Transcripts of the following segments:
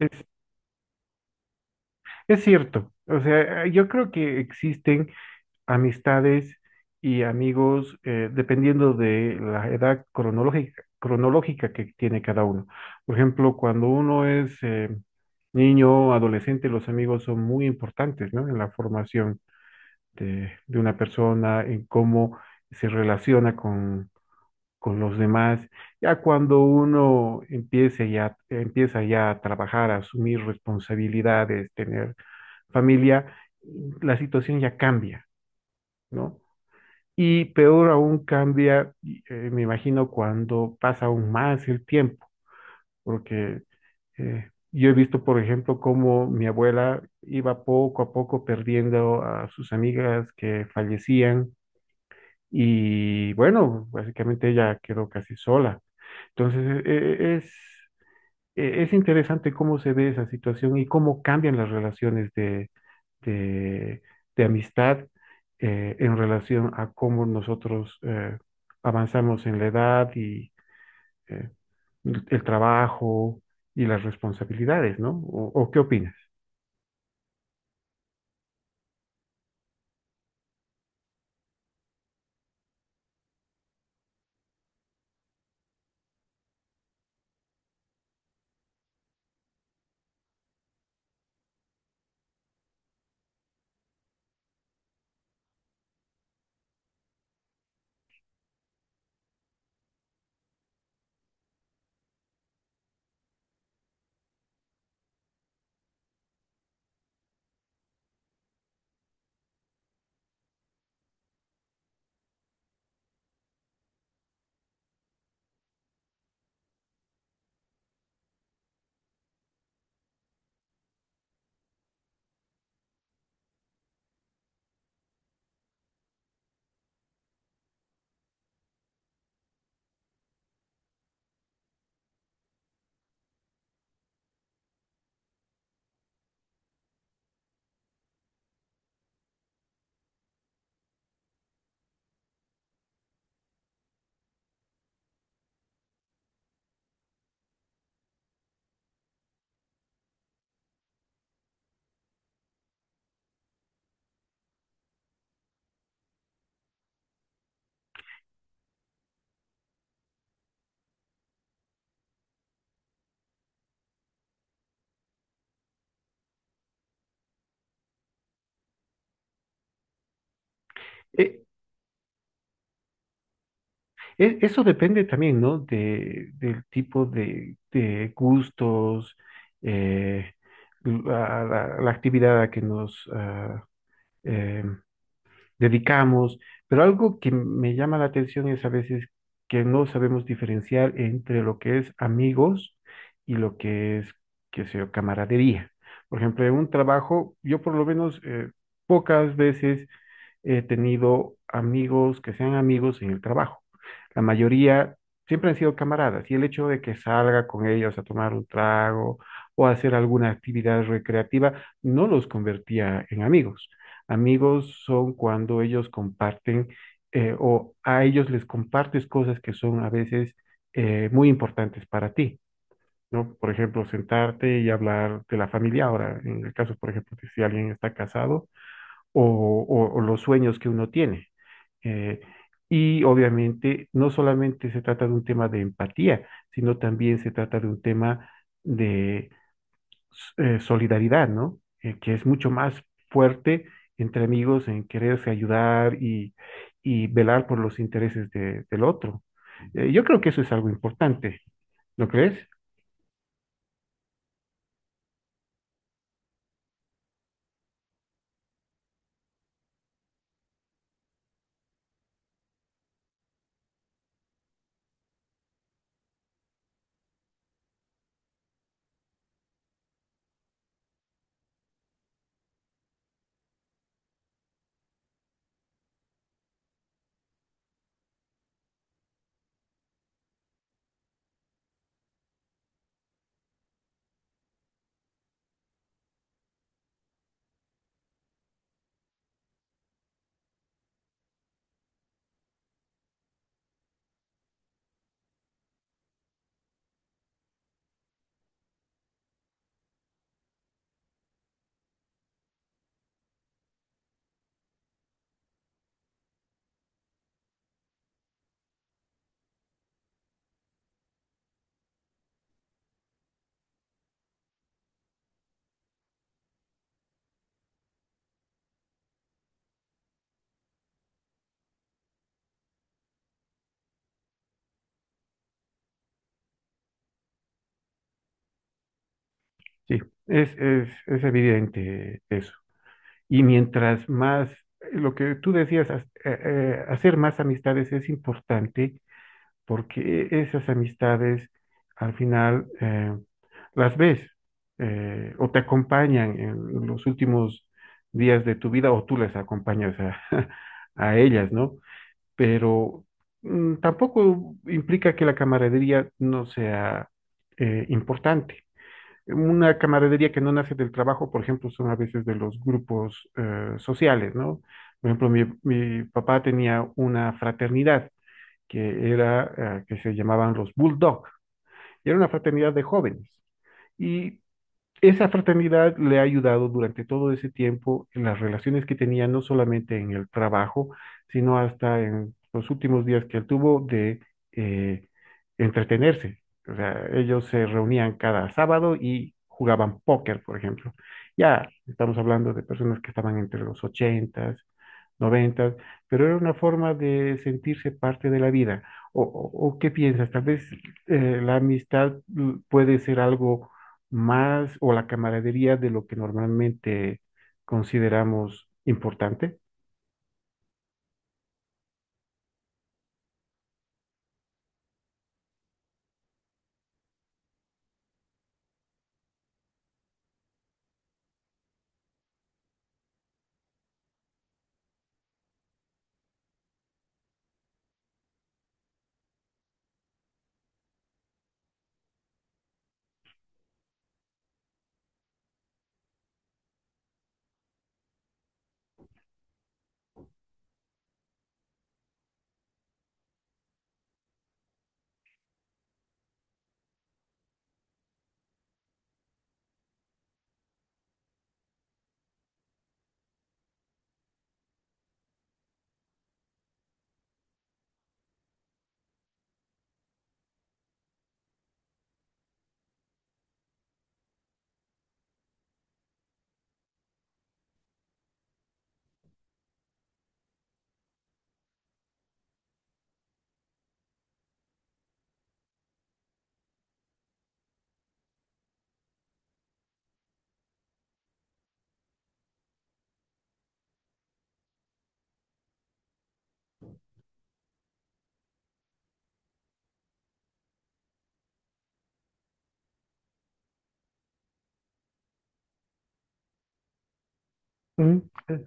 Es, es cierto, o sea, yo creo que existen amistades y amigos dependiendo de la edad cronológica que tiene cada uno. Por ejemplo, cuando uno es niño, adolescente, los amigos son muy importantes, ¿no? En la formación de una persona, en cómo se relaciona con los demás. Ya cuando empieza ya a trabajar, a asumir responsabilidades, tener familia, la situación ya cambia, ¿no? Y peor aún cambia, me imagino, cuando pasa aún más el tiempo, porque yo he visto, por ejemplo, cómo mi abuela iba poco a poco perdiendo a sus amigas que fallecían y bueno, básicamente ella quedó casi sola. Entonces, es interesante cómo se ve esa situación y cómo cambian las relaciones de, de amistad en relación a cómo nosotros avanzamos en la edad y eh, el trabajo y las responsabilidades, ¿no? O qué opinas? E- Eso depende también, ¿no? Del tipo de gustos, eh, la actividad a que em, dedicamos, pero algo que me llama la atención es a veces que no sabemos diferenciar entre lo que es amigos y lo que es, qué sé yo, camaradería. Por ejemplo, en un trabajo, yo por lo menos pocas veces he tenido amigos que sean amigos en el trabajo. La mayoría siempre han sido camaradas y el hecho de que salga con ellos a tomar un trago o a hacer alguna actividad recreativa no los convertía en amigos. Amigos son cuando ellos comparten o a ellos les compartes cosas que son a veces muy importantes para ti. ¿No? Por ejemplo, sentarte y hablar de la familia. Ahora, en el caso, por ejemplo, que si alguien está casado, o, o los sueños que uno tiene. Eh, y obviamente no solamente se trata de un tema de empatía, sino también se trata de un tema de solidaridad, ¿no? Que es mucho más fuerte entre amigos en quererse ayudar y velar por los intereses del otro. Yo creo que eso es algo importante, ¿no crees? Sí, es evidente eso. Y mientras más, lo que tú decías, hacer más amistades es importante porque esas amistades al final las ves o te acompañan en los últimos días de tu vida o tú las acompañas a, a ellas, ¿no? Pero mm, tampoco implica que la camaradería no sea importante. Una camaradería que no nace del trabajo, por ejemplo, son a veces de los grupos sociales, ¿no? Por ejemplo, mi papá tenía una fraternidad que era, que se llamaban los Bulldog, y era una fraternidad de jóvenes. Y esa fraternidad le ha ayudado durante todo ese tiempo en las relaciones que tenía, no solamente en el trabajo, sino hasta en los últimos días que él tuvo de eh, entretenerse. O sea, ellos se reunían cada sábado y jugaban póker, por ejemplo. Ya estamos hablando de personas que estaban entre los ochentas, noventas, pero era una forma de sentirse parte de la vida. ¿O, o qué piensas? Tal vez la amistad mm, puede ser algo más o la camaradería de lo que normalmente consideramos importante. Mm. Eh,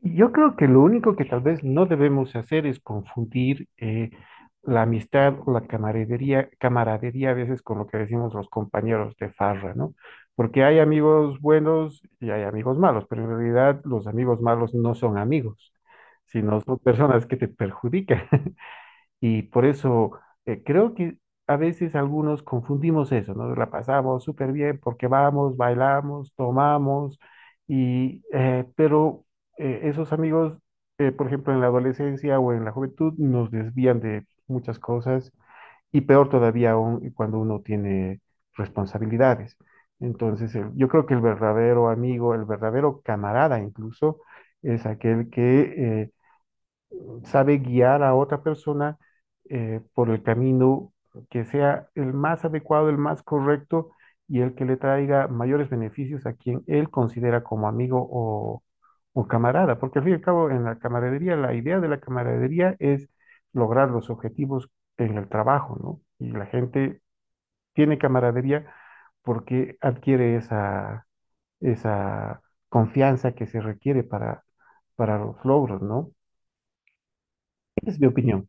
Yo creo que lo único que tal vez no debemos hacer es confundir la amistad o la camaradería a veces con lo que decimos los compañeros de farra, ¿no? Porque hay amigos buenos y hay amigos malos, pero en realidad los amigos malos no son amigos, sino son personas que te perjudican. Y por eso creo que a veces algunos confundimos eso, ¿no? La pasamos súper bien porque vamos, bailamos, tomamos, y, pero esos amigos, por ejemplo, en la adolescencia o en la juventud, nos desvían de muchas cosas y peor todavía aún cuando uno tiene responsabilidades. Entonces, yo creo que el verdadero amigo, el verdadero camarada incluso, es aquel que... sabe guiar a otra persona por el camino que sea el más adecuado, el más correcto y el que le traiga mayores beneficios a quien él considera como amigo o camarada. Porque al fin y al cabo, en la camaradería, la idea de la camaradería es lograr los objetivos en el trabajo, ¿no? Y la gente tiene camaradería porque adquiere esa confianza que se requiere para los logros, ¿no? Esa es mi opinión.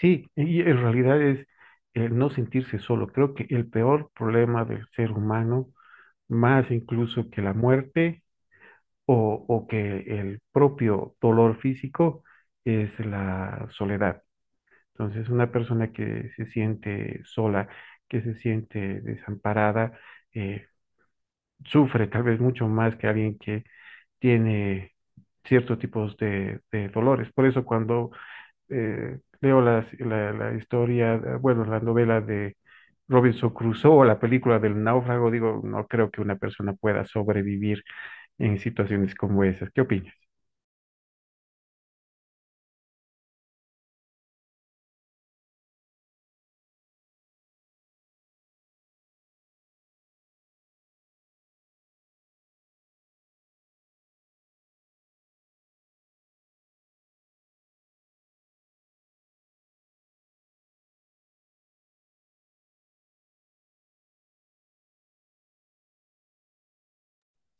Sí, y en realidad es el no sentirse solo. Creo que el peor problema del ser humano, más incluso que la muerte o que el propio dolor físico, es la soledad. Entonces, una persona que se siente sola, que se siente desamparada, eh, sufre tal vez mucho más que alguien que tiene ciertos tipos de dolores. Por eso cuando leo la historia, bueno, la novela de Robinson Crusoe o la película del náufrago, digo, no creo que una persona pueda sobrevivir en situaciones como esas. ¿Qué opinas?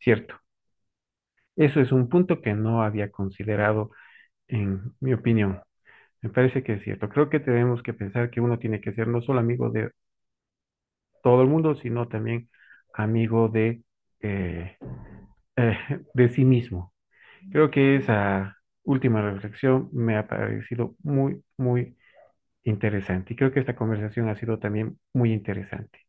Cierto. Eso es un punto que no había considerado en mi opinión. Me parece que es cierto. Creo que tenemos que pensar que uno tiene que ser no solo amigo de todo el mundo, sino también amigo eh, eh, de sí mismo. Creo que esa última reflexión me ha parecido muy, muy interesante y creo que esta conversación ha sido también muy interesante.